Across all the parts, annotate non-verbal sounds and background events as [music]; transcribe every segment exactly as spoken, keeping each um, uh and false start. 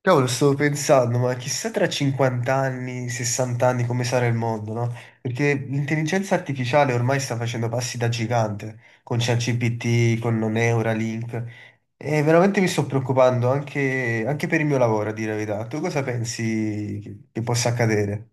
Cavolo, stavo pensando, ma chissà tra cinquanta anni, sessanta anni come sarà il mondo, no? Perché l'intelligenza artificiale ormai sta facendo passi da gigante, con ChatGPT, con Neuralink, e veramente mi sto preoccupando anche, anche per il mio lavoro, a dire la verità. Tu cosa pensi che, che possa accadere?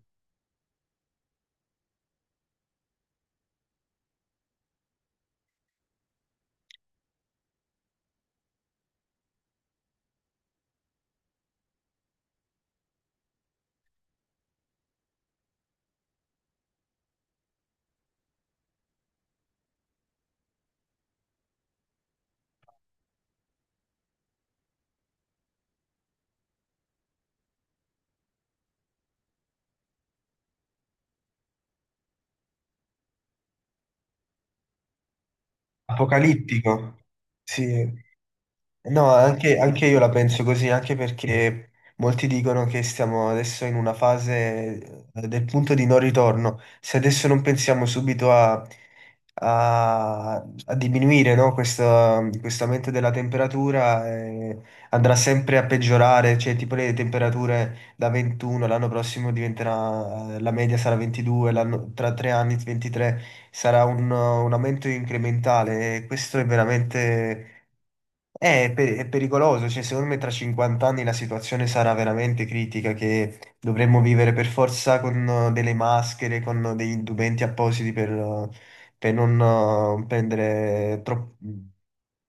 Apocalittico? Sì. No, anche, anche io la penso così, anche perché molti dicono che stiamo adesso in una fase eh, del punto di non ritorno. Se adesso non pensiamo subito a, a- a diminuire, no, Questo, questo aumento della temperatura, eh, andrà sempre a peggiorare, cioè tipo le temperature da ventuno, l'anno prossimo diventerà, eh, la media sarà ventidue, l'anno- tra tre anni ventitré, sarà un, un aumento incrementale e questo è veramente eh, È, pe- è pericoloso, cioè secondo me tra cinquanta anni la situazione sarà veramente critica, che dovremmo vivere per forza con eh, delle maschere, con eh, degli indumenti appositi per, eh, per non eh, prendere tro-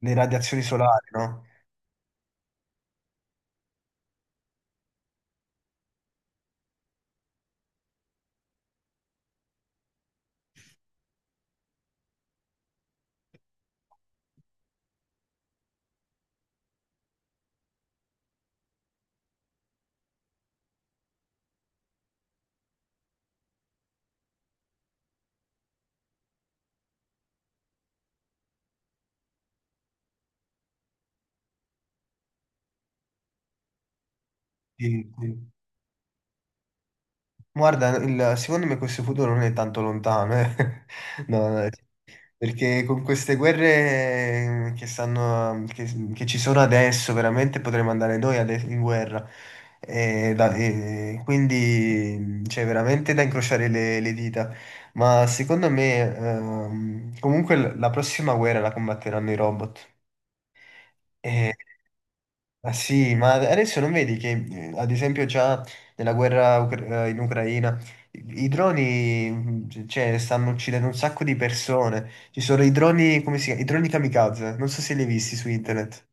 le radiazioni solari, no? Sì, sì. Guarda, il- secondo me questo futuro non è tanto lontano, eh. [laughs] No, no, sì. Perché con queste guerre eh, che stanno, che, che ci sono adesso, veramente potremmo andare noi ade- in guerra. E da- e quindi c'è veramente da incrociare le, le dita. Ma secondo me, ehm, comunque l- la prossima guerra la combatteranno i robot. Ma sì, ma adesso non vedi che, eh, ad esempio, già nella guerra ucra- eh, in Ucraina i i droni, mh, cioè, stanno uccidendo un sacco di persone. Ci sono i droni, come si chiama? I droni kamikaze, non so se li hai visti su internet.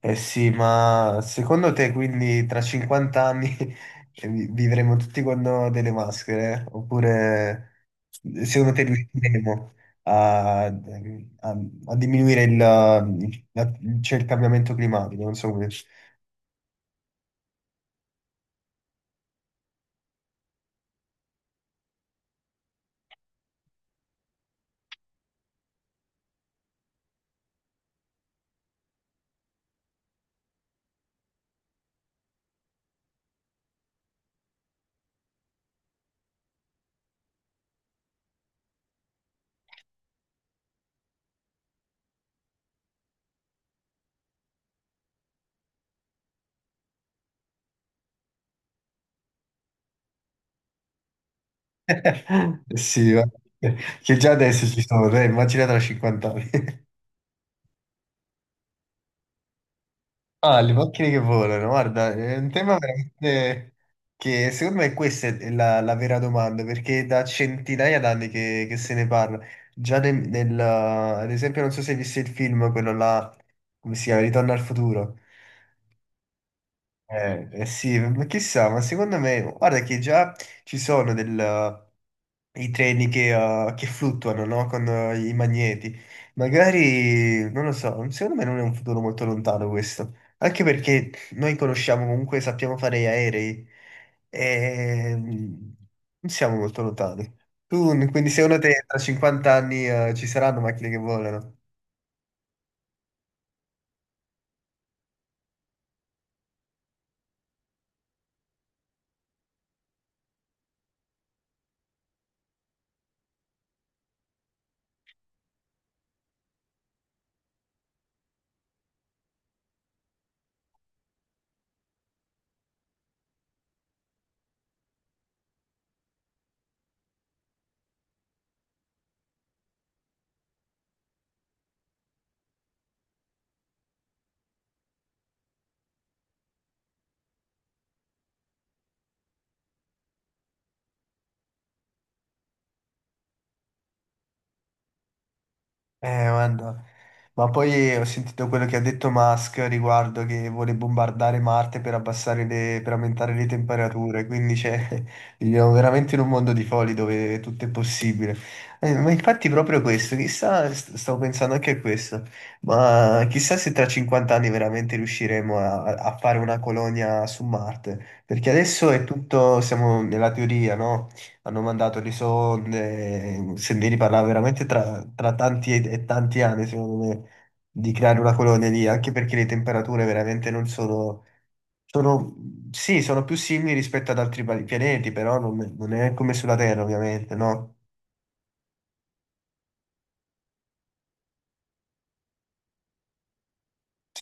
Eh sì, ma secondo te quindi tra cinquanta anni [laughs] eh, vi- vivremo tutti con delle maschere? Oppure secondo te riusciremo a, a- a diminuire il, il- la- cioè, il cambiamento climatico? Non so come. Sì, va- che già adesso ci sono, dai, immagina tra cinquanta anni. [laughs] Ah, le macchine che volano, guarda, è un tema veramente che secondo me questa è la, la vera domanda, perché da centinaia d'anni che, che se ne parla. Già nel, nel- ad esempio, non so se hai visto il film, quello là, come si chiama, Ritorno al futuro. Eh, eh sì, ma chissà, ma secondo me, guarda che già ci sono del, i treni che, eh, che fluttuano, no? Con eh, i magneti. Magari, non lo so, secondo me non è un futuro molto lontano questo. Anche perché noi conosciamo comunque, sappiamo fare gli aerei e mm, non siamo molto lontani. Tu, quindi secondo te tra cinquanta anni, eh, ci saranno macchine che volano? Eh, guarda. Ma poi ho sentito quello che ha detto Musk riguardo che vuole bombardare Marte per abbassare le, per aumentare le temperature, quindi cioè, [laughs] viviamo veramente in un mondo di folli dove tutto è possibile. Eh, ma infatti proprio questo, chissà, st- stavo pensando anche a questo, ma chissà se tra cinquanta anni veramente riusciremo a, a fare una colonia su Marte, perché adesso è tutto, siamo nella teoria, no? Hanno mandato lì sonde, Sendini parlava veramente tra, tra tanti e, e tanti anni, secondo me, di creare una colonia lì, anche perché le temperature veramente non sono, sono, sì, sono più simili rispetto ad altri pal- pianeti, però non, non è come sulla Terra, ovviamente, no?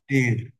Sì,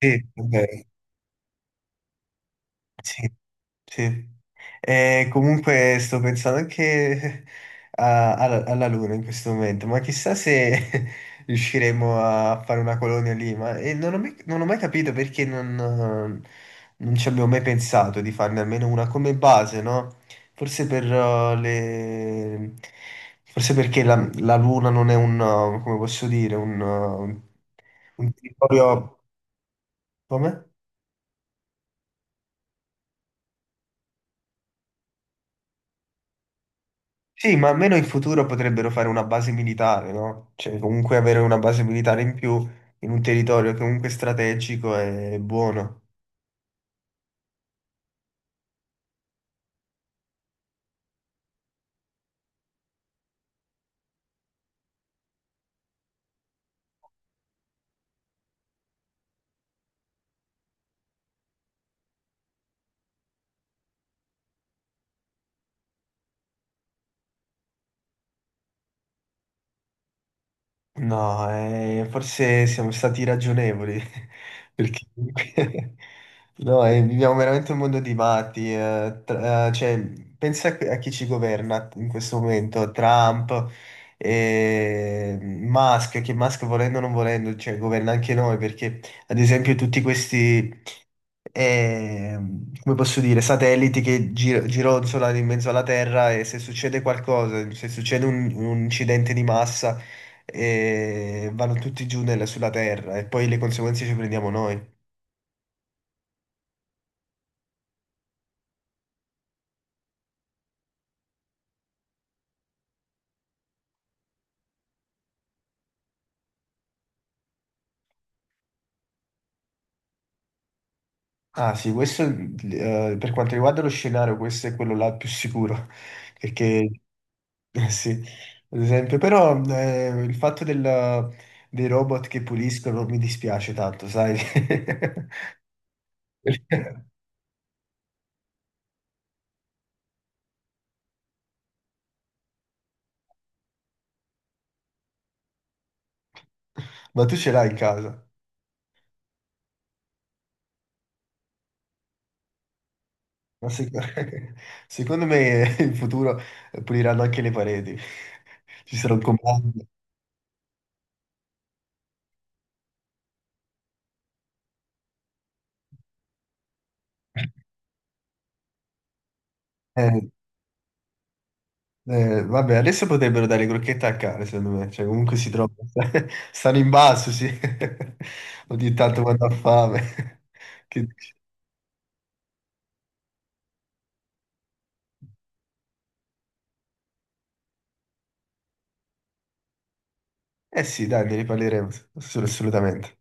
sì, ok, sì, sì. E comunque sto pensando anche [laughs] a- alla, alla Luna in questo momento, ma chissà se [laughs] riusciremo a fare una colonia lì, ma e non ho mai, non ho mai capito perché non, non ci abbiamo mai pensato di farne almeno una come base, no? Forse per uh, le. Forse perché la, la Luna non è un, uh, come posso dire, un, uh, un un territorio. Come? Sì, ma almeno in futuro potrebbero fare una base militare, no? Cioè, comunque avere una base militare in più in un territorio che comunque è strategico è buono. No, eh, forse siamo stati ragionevoli, [laughs] perché comunque- [laughs] no, eh, viviamo veramente un mondo di matti. eh, tra- eh, cioè, pensa a a chi ci governa in questo momento, Trump, e Musk, che Musk volendo o non volendo, cioè, governa anche noi, perché ad esempio tutti questi. eh, Come posso dire, satelliti che gir- gironzolano in mezzo alla Terra e se succede qualcosa, se succede un, un incidente di massa, eh, vanno tutti giù nel- sulla Terra e poi le conseguenze ci prendiamo noi. Ah sì, questo eh, per quanto riguarda lo scenario, questo è quello là più sicuro, [laughs] perché eh, sì, ad esempio, però eh, il fatto del- dei robot che puliscono mi dispiace tanto, sai? [laughs] Ma tu ce l'hai in casa? Ma sec- [laughs] secondo me in futuro puliranno anche le pareti. Ci sarà un comando. Eh, eh, vabbè, adesso potrebbero dare crocchette a cane, secondo me. Cioè, comunque si trovano. [laughs] Stanno in basso, sì. [laughs] Ogni tanto quando ha fame. [laughs] Che dici? Eh sì, dai, ne riparleremo. ass- Assolutamente.